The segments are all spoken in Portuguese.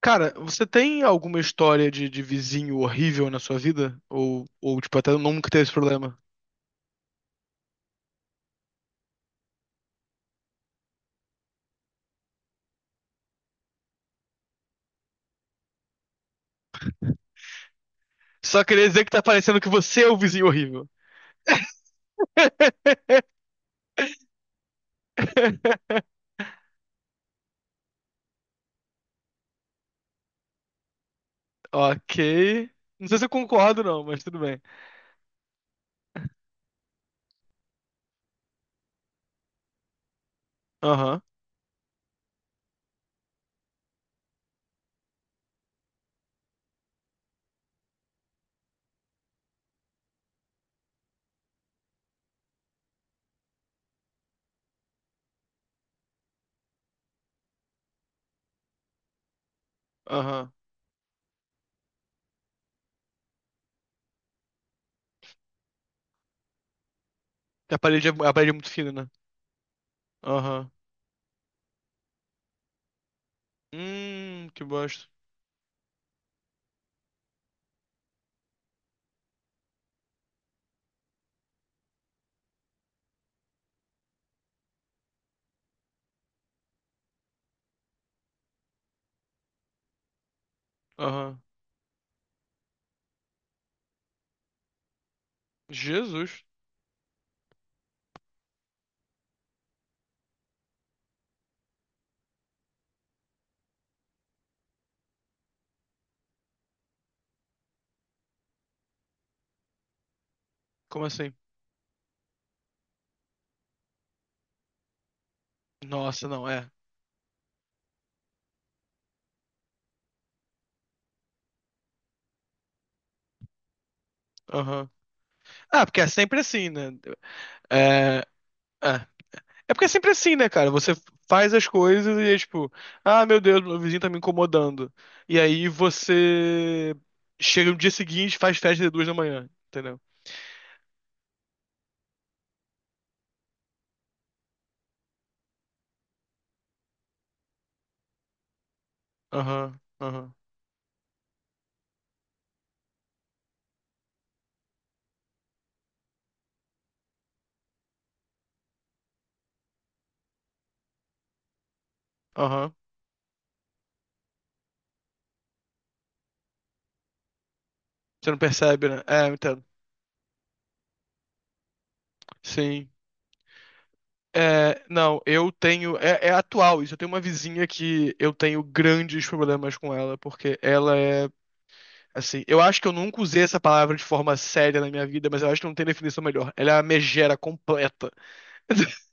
Cara, você tem alguma história de vizinho horrível na sua vida? Ou, tipo, até nunca teve esse problema? Só queria dizer que tá parecendo que você é o vizinho horrível. Ok. Não sei se eu concordo, não, mas tudo bem. Aham, aham. A parede é muito fina, né? Aham. Que bosta. Aham. Jesus. Como assim? Nossa, não, é. Aham. Ah, porque é sempre assim, né? É. É. É porque é sempre assim, né, cara? Você faz as coisas e é tipo, ah, meu Deus, meu vizinho tá me incomodando. E aí você chega no dia seguinte, e faz festa de 2 da manhã, entendeu? Aham, aham, aham. Você não percebe, né? É, eu entendo. Sim. É, não, eu tenho. É atual isso. Eu tenho uma vizinha que eu tenho grandes problemas com ela, porque ela é. Assim, eu acho que eu nunca usei essa palavra de forma séria na minha vida, mas eu acho que não tem definição melhor. Ela é a megera completa.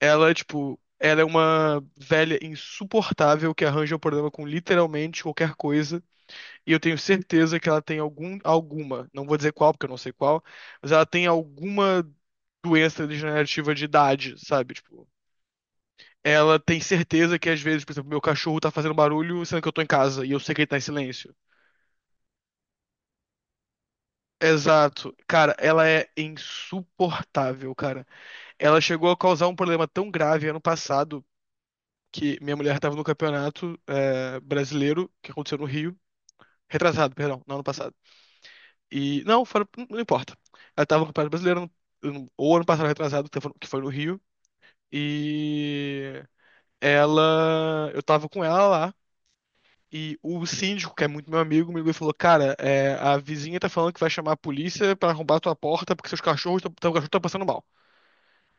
Ela, tipo, ela é uma velha insuportável que arranja um problema com literalmente qualquer coisa. E eu tenho certeza que ela tem algum, alguma, não vou dizer qual, porque eu não sei qual, mas ela tem alguma doença degenerativa de idade, sabe? Tipo, ela tem certeza que às vezes, por exemplo, meu cachorro tá fazendo barulho sendo que eu tô em casa e eu sei que ele tá em silêncio. Exato. Cara, ela é insuportável, cara. Ela chegou a causar um problema tão grave ano passado que minha mulher estava no campeonato, brasileiro, que aconteceu no Rio, retrasado, perdão, não ano passado. E, não, não importa. Ela estava no campeonato brasileiro, ou ano passado retrasado, que foi no Rio, e ela, eu tava com ela lá, e o síndico, que é muito meu amigo, me ligou e falou, cara, a vizinha tá falando que vai chamar a polícia pra arrombar a tua porta porque teu cachorro tá passando mal.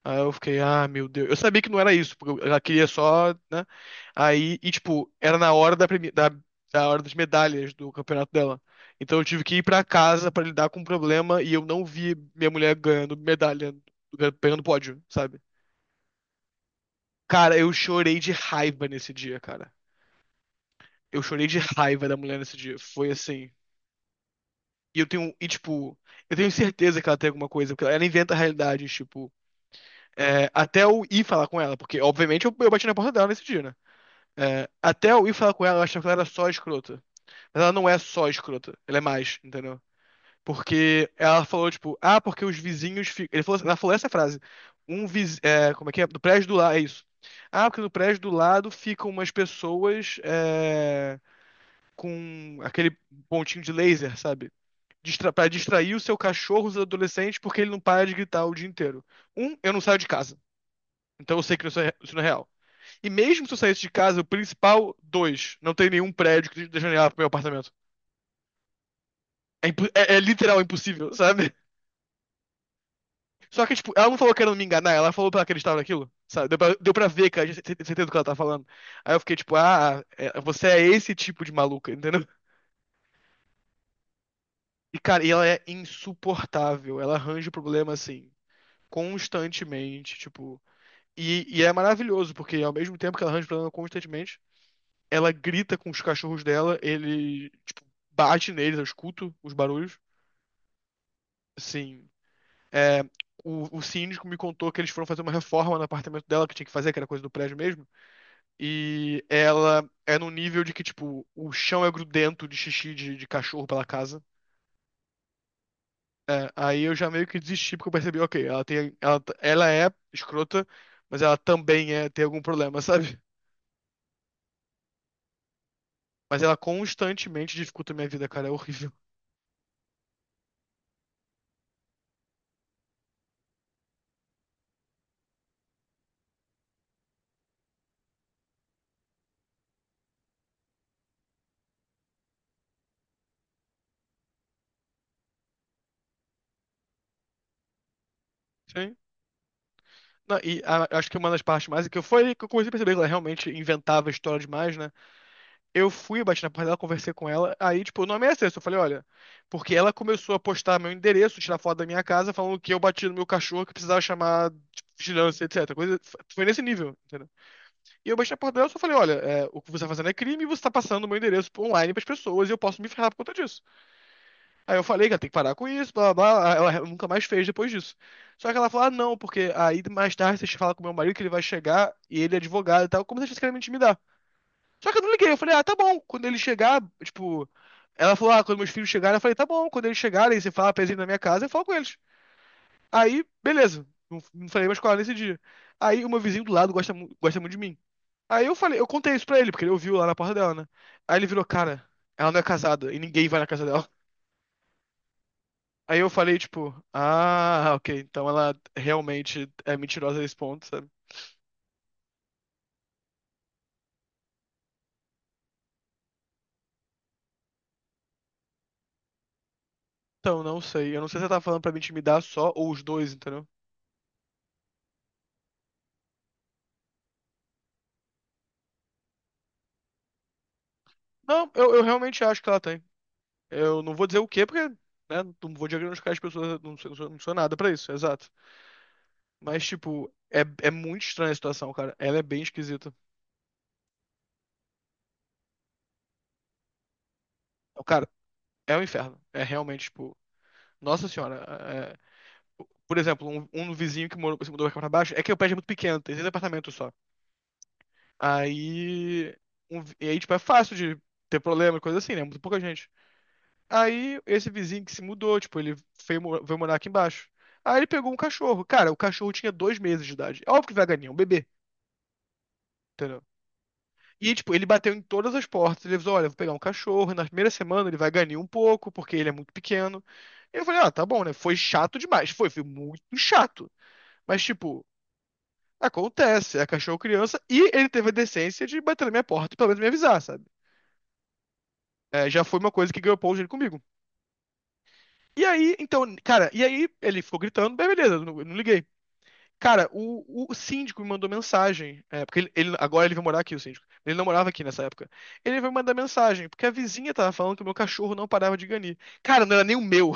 Aí eu fiquei, ah, meu Deus. Eu sabia que não era isso, porque ela queria só, né? Aí, e tipo, era na hora da hora das medalhas do campeonato dela. Então eu tive que ir pra casa pra lidar com o problema e eu não vi minha mulher ganhando medalha, pegando pódio, sabe? Cara, eu chorei de raiva nesse dia, cara. Eu chorei de raiva da mulher nesse dia. Foi assim. E eu tenho, e tipo, eu tenho certeza que ela tem alguma coisa, porque ela inventa realidades, tipo, até eu ir falar com ela, porque obviamente eu bati na porta dela nesse dia, né? É, até eu ir falar com ela, eu achava que ela era só escrota. Mas ela não é só escrota, ela é mais, entendeu? Porque ela falou, tipo, ah, porque os vizinhos. Ele falou, ela falou essa frase. Como é que é? Do prédio do lado, é isso. Ah, porque no prédio do lado ficam umas pessoas, com aquele pontinho de laser, sabe? Pra distrair o seu cachorro, os adolescentes, porque ele não para de gritar o dia inteiro. Eu não saio de casa. Então eu sei que isso não é real. E mesmo se eu saísse de casa, o principal, dois, não tem nenhum prédio que dê janela pro meu apartamento. É, é literal impossível, sabe? Só que, tipo, ela não falou que era me enganar, ela falou pra ela que ele estava naquilo, sabe? Deu pra ver, cara, tinha certeza do que ela tá falando. Aí eu fiquei, tipo, ah, você é esse tipo de maluca, entendeu? E, cara, e ela é insuportável, ela arranja o problema, assim, constantemente, tipo. E é maravilhoso, porque ao mesmo tempo que ela arranja o problema constantemente, ela grita com os cachorros dela, ele, tipo, bate neles, eu escuto os barulhos. Assim, é, o síndico me contou que eles foram fazer uma reforma no apartamento dela, que tinha que fazer, que era coisa do prédio mesmo. E ela é num nível de que, tipo, o chão é grudento de xixi de cachorro pela casa. É, aí eu já meio que desisti, porque eu percebi, ok, ela é escrota, mas ela também é, tem algum problema, sabe? Mas ela constantemente dificulta a minha vida, cara, é horrível. Sim. Não, e acho que uma das partes mais que foi que eu comecei a perceber que ela realmente inventava história demais, né? Eu fui, bati na porta dela, conversei com ela, aí, tipo, o nome é esse. Eu falei, olha, porque ela começou a postar meu endereço, tirar foto da minha casa, falando que eu bati no meu cachorro, que precisava chamar, tipo, vigilância, etc. Coisa, foi nesse nível, entendeu? E eu bati na porta dela e só falei, olha, o que você tá fazendo é crime e você tá passando o meu endereço online pras pessoas e eu posso me ferrar por conta disso. Aí eu falei que ela tem que parar com isso, blá blá blá. Ela nunca mais fez depois disso. Só que ela falou, ah, não, porque aí mais tarde você fala com meu marido que ele vai chegar e ele é advogado e tal, como se vocês querem me intimidar. Só que eu não liguei, eu falei, ah, tá bom, quando ele chegar, tipo. Ela falou, ah, quando meus filhos chegarem, eu falei, tá bom, quando eles chegarem, você fala pra eles irem na minha casa, eu falo com eles. Aí, beleza. Não, não falei mais com ela nesse dia. Aí o meu vizinho do lado gosta muito de mim. Aí eu contei isso pra ele, porque ele ouviu lá na porta dela, né? Aí ele virou, cara, ela não é casada e ninguém vai na casa dela. Aí eu falei, tipo, ah, ok, então ela realmente é mentirosa nesse ponto, sabe? Então, não sei. Eu não sei se ela tá falando pra me intimidar só ou os dois, entendeu? Não, eu realmente acho que ela tem. Eu não vou dizer o quê, porque, né, não vou diagnosticar as pessoas, não sou nada pra isso, exato. Mas, tipo, é muito estranha a situação, cara. Ela é bem esquisita. Cara, é um inferno. É realmente, tipo, nossa senhora. é- é, Por exemplo, um vizinho que morou, se mudou aqui pra baixo, é que o prédio é muito pequeno, tem seis apartamentos só. Aí. E aí, tipo, é fácil de ter problema, coisa assim, né? Muito pouca gente. Aí, esse vizinho que se mudou, tipo, ele veio morar aqui embaixo. Aí ele pegou um cachorro. Cara, o cachorro tinha 2 meses de idade. É óbvio que vai ganhar, é um bebê, entendeu? E, tipo, ele bateu em todas as portas. Ele avisou, olha, eu vou pegar um cachorro. E na primeira semana ele vai ganhar um pouco, porque ele é muito pequeno. E eu falei, ah, tá bom, né? Foi chato demais. Foi muito chato. Mas, tipo, acontece. É cachorro criança. E ele teve a decência de bater na minha porta, e pelo menos me avisar, sabe? É, já foi uma coisa que ganhou ponto dele comigo. E aí, então, cara, e aí ele ficou gritando, bem, beleza, eu não liguei. Cara, o síndico me mandou mensagem, porque agora ele veio morar aqui, o síndico. Ele não morava aqui nessa época. Ele veio mandar mensagem, porque a vizinha tava falando que o meu cachorro não parava de ganir. Cara, não era nem o meu.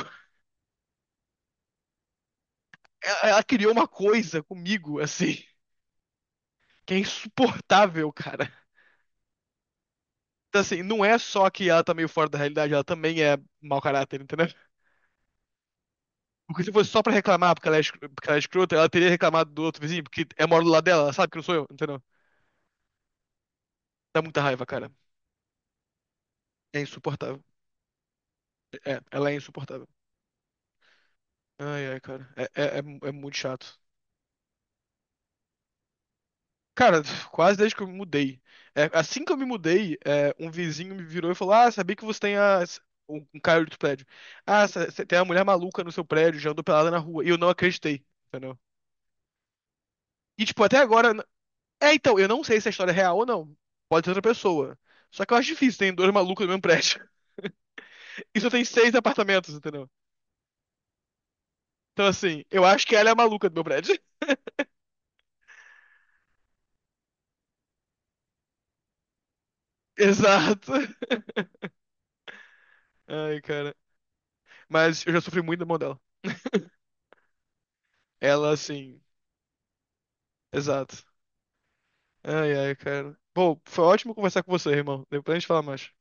Ela criou uma coisa comigo, assim, que é insuportável, cara. Então, assim, não é só que ela tá meio fora da realidade, ela também é mau caráter, entendeu? Porque se fosse só pra reclamar porque ela é escrota, ela teria reclamado do outro vizinho, porque é mora do lado dela, ela sabe que não sou eu, entendeu? Dá muita raiva, cara. É insuportável. É, ela é insuportável. Ai, ai, cara. É muito chato. Cara, quase desde que eu me mudei. É, assim que eu me mudei, um vizinho me virou e falou: Ah, sabia que você tem a. Um cara do prédio. Ah, você tem uma mulher maluca no seu prédio, já andou pelada na rua. E eu não acreditei, entendeu? E, tipo, até agora. É, então, eu não sei se a história é real ou não. Pode ser outra pessoa. Só que eu acho difícil, tem dois malucos no mesmo prédio. Isso tem seis apartamentos, entendeu? Então, assim, eu acho que ela é a maluca do meu prédio. Exato. Ai, cara. Mas eu já sofri muito da mão dela. Ela, assim, exato. Ai, ai, cara. Bom, foi ótimo conversar com você, irmão. Depois a gente fala mais.